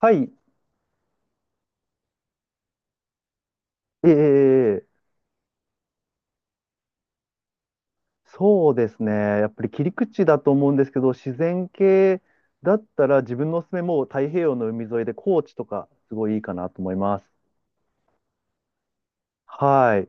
はい、ええそうですね。やっぱり切り口だと思うんですけど、自然系だったら自分のおすすめもう太平洋の海沿いで高知とかすごいいいかなと思います。はい。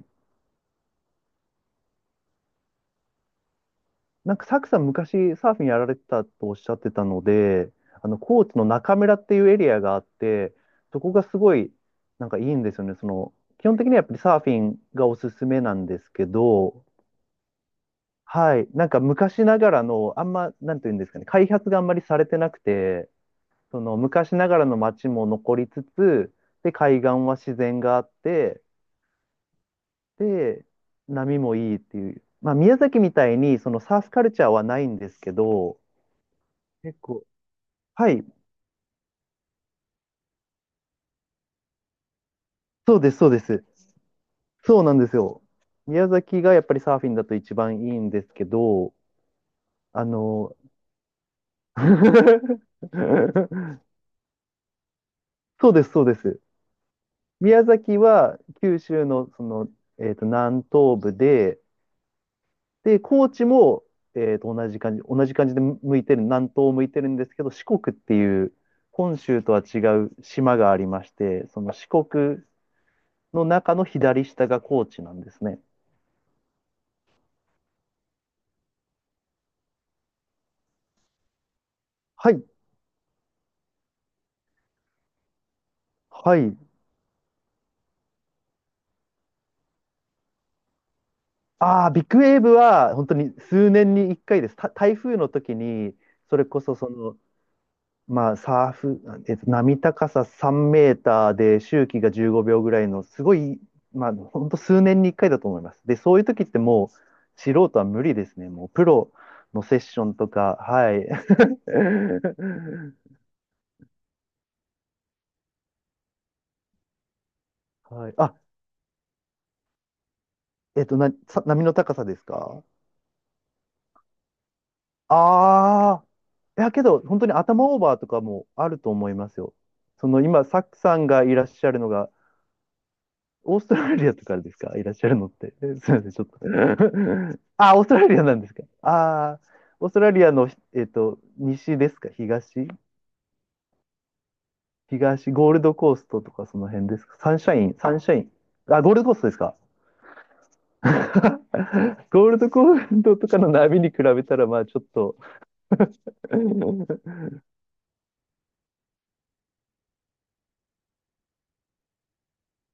なんかサクさん昔サーフィンやられてたとおっしゃってたので、あの高知の中村っていうエリアがあって、そこがすごいなんかいいんですよね。その基本的にはやっぱりサーフィンがおすすめなんですけど、はい。なんか昔ながらのなんていうんですかね、開発があんまりされてなくて、その昔ながらの街も残りつつ、で、海岸は自然があって、で、波もいいっていう。まあ、宮崎みたいに、そのサーフカルチャーはないんですけど、結構、はい、そうです。そうなんですよ。宮崎がやっぱりサーフィンだと一番いいんですけど、あの、そうです。宮崎は九州のその、えっと、南東部で、で、高知も、同じ感じで向いてる、南東を向いてるんですけど、四国っていう、本州とは違う島がありまして、その四国の中の左下が高知なんですね。はい、はい。ああ、ビッグウェーブは本当に数年に1回です。台風の時に、それこそそのサーフ、えっと、波高さ3メーターで周期が15秒ぐらいの、すごい、まあ、ほんと数年に1回だと思います。で、そういう時ってもう、素人は無理ですね。もう、プロのセッションとか、はい。はい。あ、えっと、波の高さですか？ああ、いやけど、本当に頭オーバーとかもあると思いますよ。その今、サックさんがいらっしゃるのが、オーストラリアとかですか？いらっしゃるのって。え、すみません、ちょっと。あ、オーストラリアなんですか？ああ、オーストラリアの、えっと、西ですか？東？東、ゴールドコーストとかその辺ですか？サンシャイン。あ、ゴールドコーストですか？ ゴールドコーストとかの波に比べたら、まあちょっと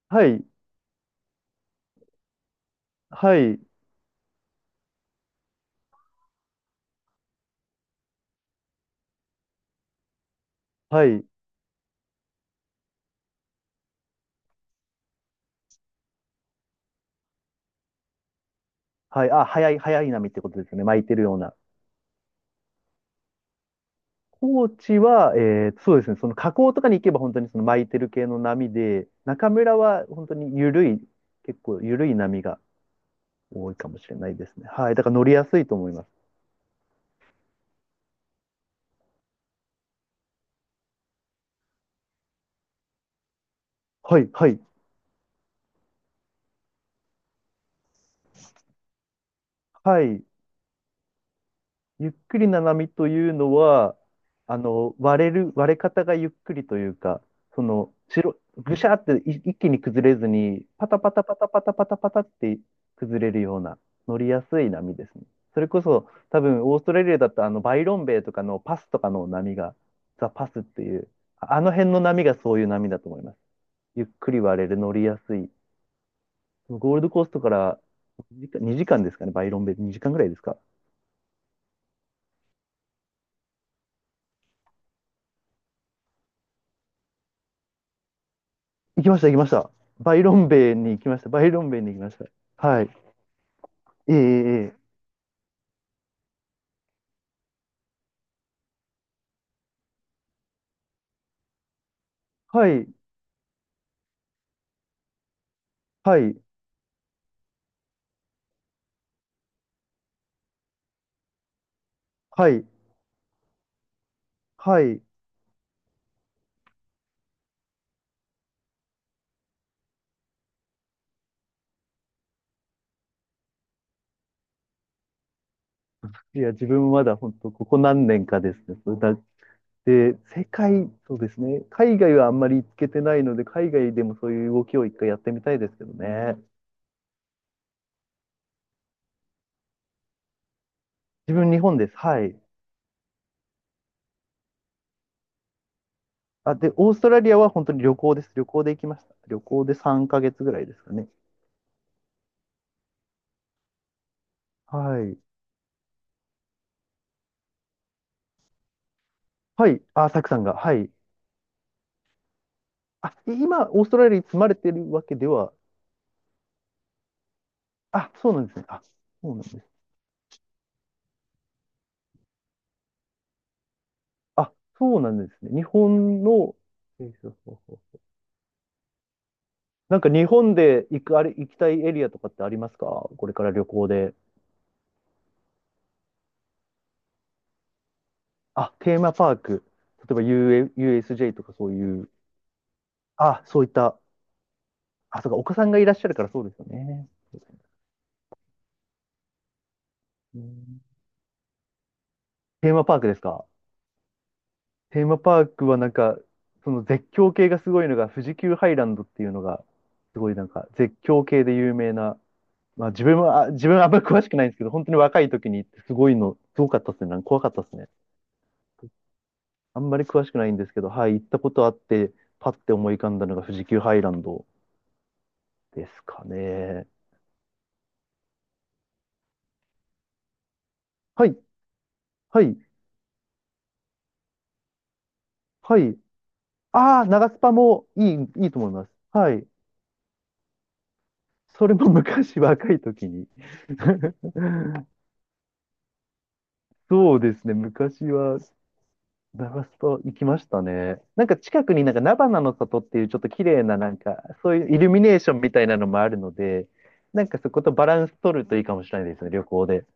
はい、はい、はい、はい。あ、早い波ってことですよね。巻いてるような。高知は、えーそうですね、その河口とかに行けば本当にその巻いてる系の波で、中村は本当に結構緩い波が多いかもしれないですね。はい、だから乗りやすいと思います。はい、はい、はい。ゆっくりな波というのは、あの、割れ方がゆっくりというか、その、ぐしゃってい一気に崩れずに、パタパタパタパタパタパタって崩れるような、乗りやすい波ですね。それこそ、多分、オーストラリアだと、あの、バイロンベイとかのパスとかの波が、ザ・パスっていう、ああの辺の波がそういう波だと思います。ゆっくり割れる、乗りやすい。ゴールドコーストから2時間ですかね、バイロンベイ2時間ぐらいですか。行きました。バイロンベイに行きました。バイロンベイに行きました。はい。ええ、はい、はい、はい、はい。いや、自分まだ本当、ここ何年かですね。それだって、世界、そうですね。海外はあんまり行けてないので、海外でもそういう動きを一回やってみたいですけどね。自分、日本です。はい。あ、で、オーストラリアは本当に旅行です。旅行で行きました。旅行で3ヶ月ぐらいですかね。はい。はい。あ、サクさんが。はい。あ、今、オーストラリアに住まれてるわけでは？あ、そうなんですね。あ、そうなんです。あ、そうなんですね。日本の、え、ーそう、なんか日本で行く、あれ、行きたいエリアとかってありますか？これから旅行で。あ、テーマパーク。例えば u USJ とかそういう。あ、そういった。あ、そうか、お子さんがいらっしゃるからそうですよね。うん、テーマパークですか？テーマパークはなんか、その絶叫系がすごいのが、富士急ハイランドっていうのが、すごいなんか絶叫系で有名な、まあ自分は、あ自分はあんまり詳しくないんですけど、本当に若い時に行ってすごいの、すごかったですね。なんか怖かったですね。あんまり詳しくないんですけど、はい、行ったことあって、パッて思い浮かんだのが富士急ハイランドですかね。はい、はい、はい。ああ、長スパもいい、いいと思います。はい。それも昔若い時に。そうですね、昔はザバス行きましたね。なんか近くになんか菜花の里っていうちょっと綺麗ななんかそういうイルミネーションみたいなのもあるので、なんかそことバランス取るといいかもしれないですね、旅行で。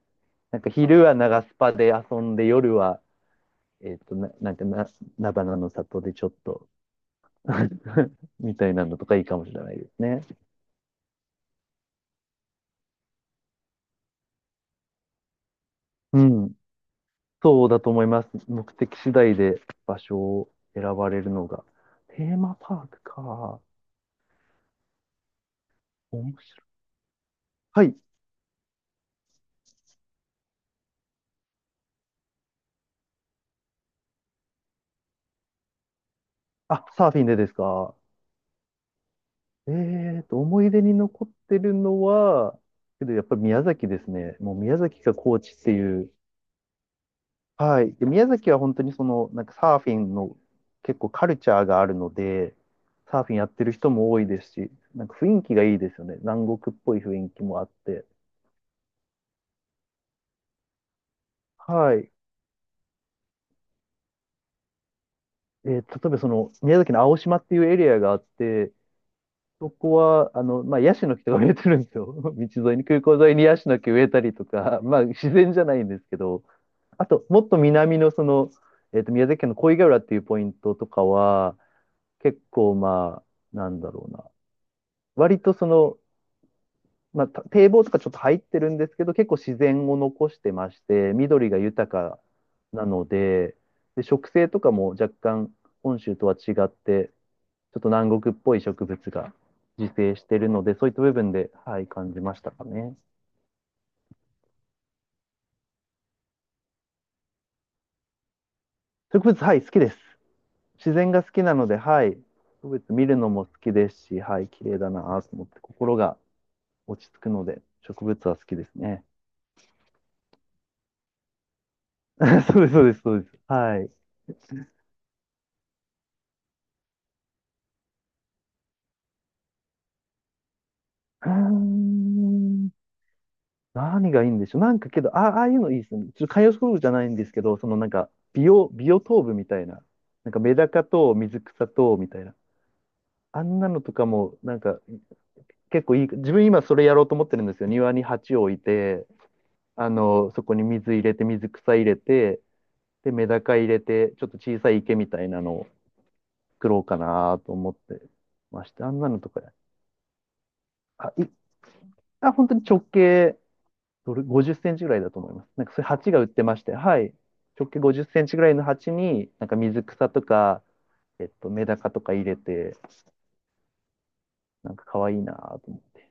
なんか昼は長スパで遊んで夜は、な、菜花の里でちょっと みたいなのとかいいかもしれないですね。うん。そうだと思います。目的次第で場所を選ばれるのが。テーマパークか。面白い。はい。あ、サーフィンでですか。えーと、思い出に残ってるのは、けどやっぱり宮崎ですね。もう宮崎が高知っていう。はい。で、宮崎は本当にその、なんかサーフィンの結構カルチャーがあるので、サーフィンやってる人も多いですし、なんか雰囲気がいいですよね。南国っぽい雰囲気もあって。はい。例えばその、宮崎の青島っていうエリアがあって、そこは、あの、まあ、ヤシの木とか植えてるんですよ。道沿いに、空港沿いにヤシの木植えたりとか、まあ、自然じゃないんですけど、あと、もっと南のその、えっと、宮崎県の小井ヶ浦っていうポイントとかは、結構、まあ、なんだろうな。割とその、まあ、堤防とかちょっと入ってるんですけど、結構自然を残してまして、緑が豊かなので、で、植生とかも若干本州とは違って、ちょっと南国っぽい植物が自生してるので、そういった部分で、はい、感じましたかね。植物、はい、好きです。自然が好きなので、はい、植物見るのも好きですし、はい、綺麗だなぁと思って、心が落ち着くので、植物は好きですね。そうです、そうです、そうです。はい。うーん。何がいいんでしょう。なんかけど、あ、ああいうのいいですね。ちょっと観葉植物じゃないんですけど、そのなんか、ビオトープみたいな。なんかメダカと水草と、みたいな。あんなのとかも、なんか結構いい、自分今それやろうと思ってるんですよ。庭に鉢を置いて、あの、そこに水入れて、水草入れて、で、メダカ入れて、ちょっと小さい池みたいなのを作ろうかなと思ってまして、あんなのとか、あ、い、あ、本当に直径、どれ、50センチぐらいだと思います。なんかそういう鉢が売ってまして、はい。直径50センチぐらいの鉢に、なんか水草とか、えっと、メダカとか入れて、なんか可愛いなと思って、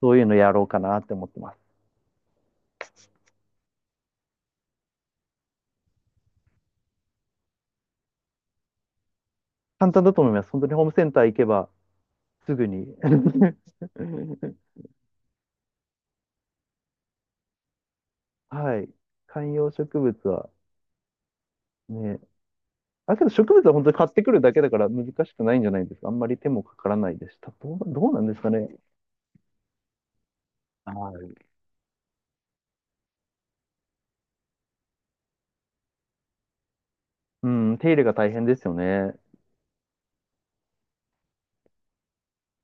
そういうのやろうかなって思ってます。簡単だと思います。本当にホームセンター行けば、すぐに。はい。観葉植物はね、あ、けど植物は本当に買ってくるだけだから難しくないんじゃないですか。あんまり手もかからないですした。どうなんですかね。はい。うん、手入れが大変ですよね。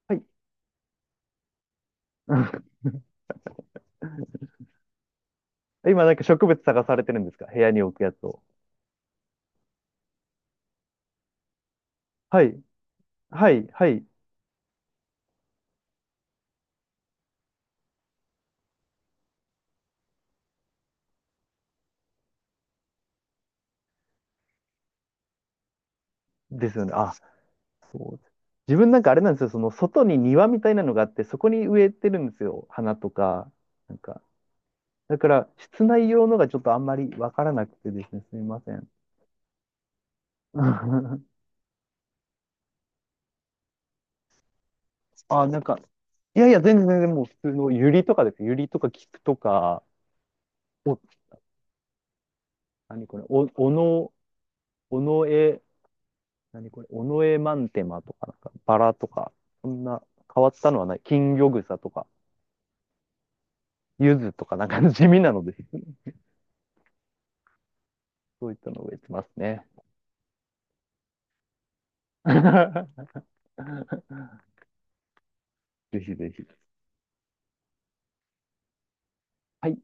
はい。今なんか植物探されてるんですか？部屋に置くやつを。はい。はいですよね。あ、そうです。自分なんかあれなんですよ。その外に庭みたいなのがあって、そこに植えてるんですよ。花とか、なんかだから、室内用のがちょっとあんまりわからなくてですね、すみません。あ、なんか、全然もう普通のユリとかです、ユリとか菊とか、お、何これ、おのえ、何これ、おのえマンテマとか、なんか、バラとか、そんな変わったのはない。金魚草とか、柚子とか、なんか地味なので、そういったのを植えてますね。ぜひぜひ。はい。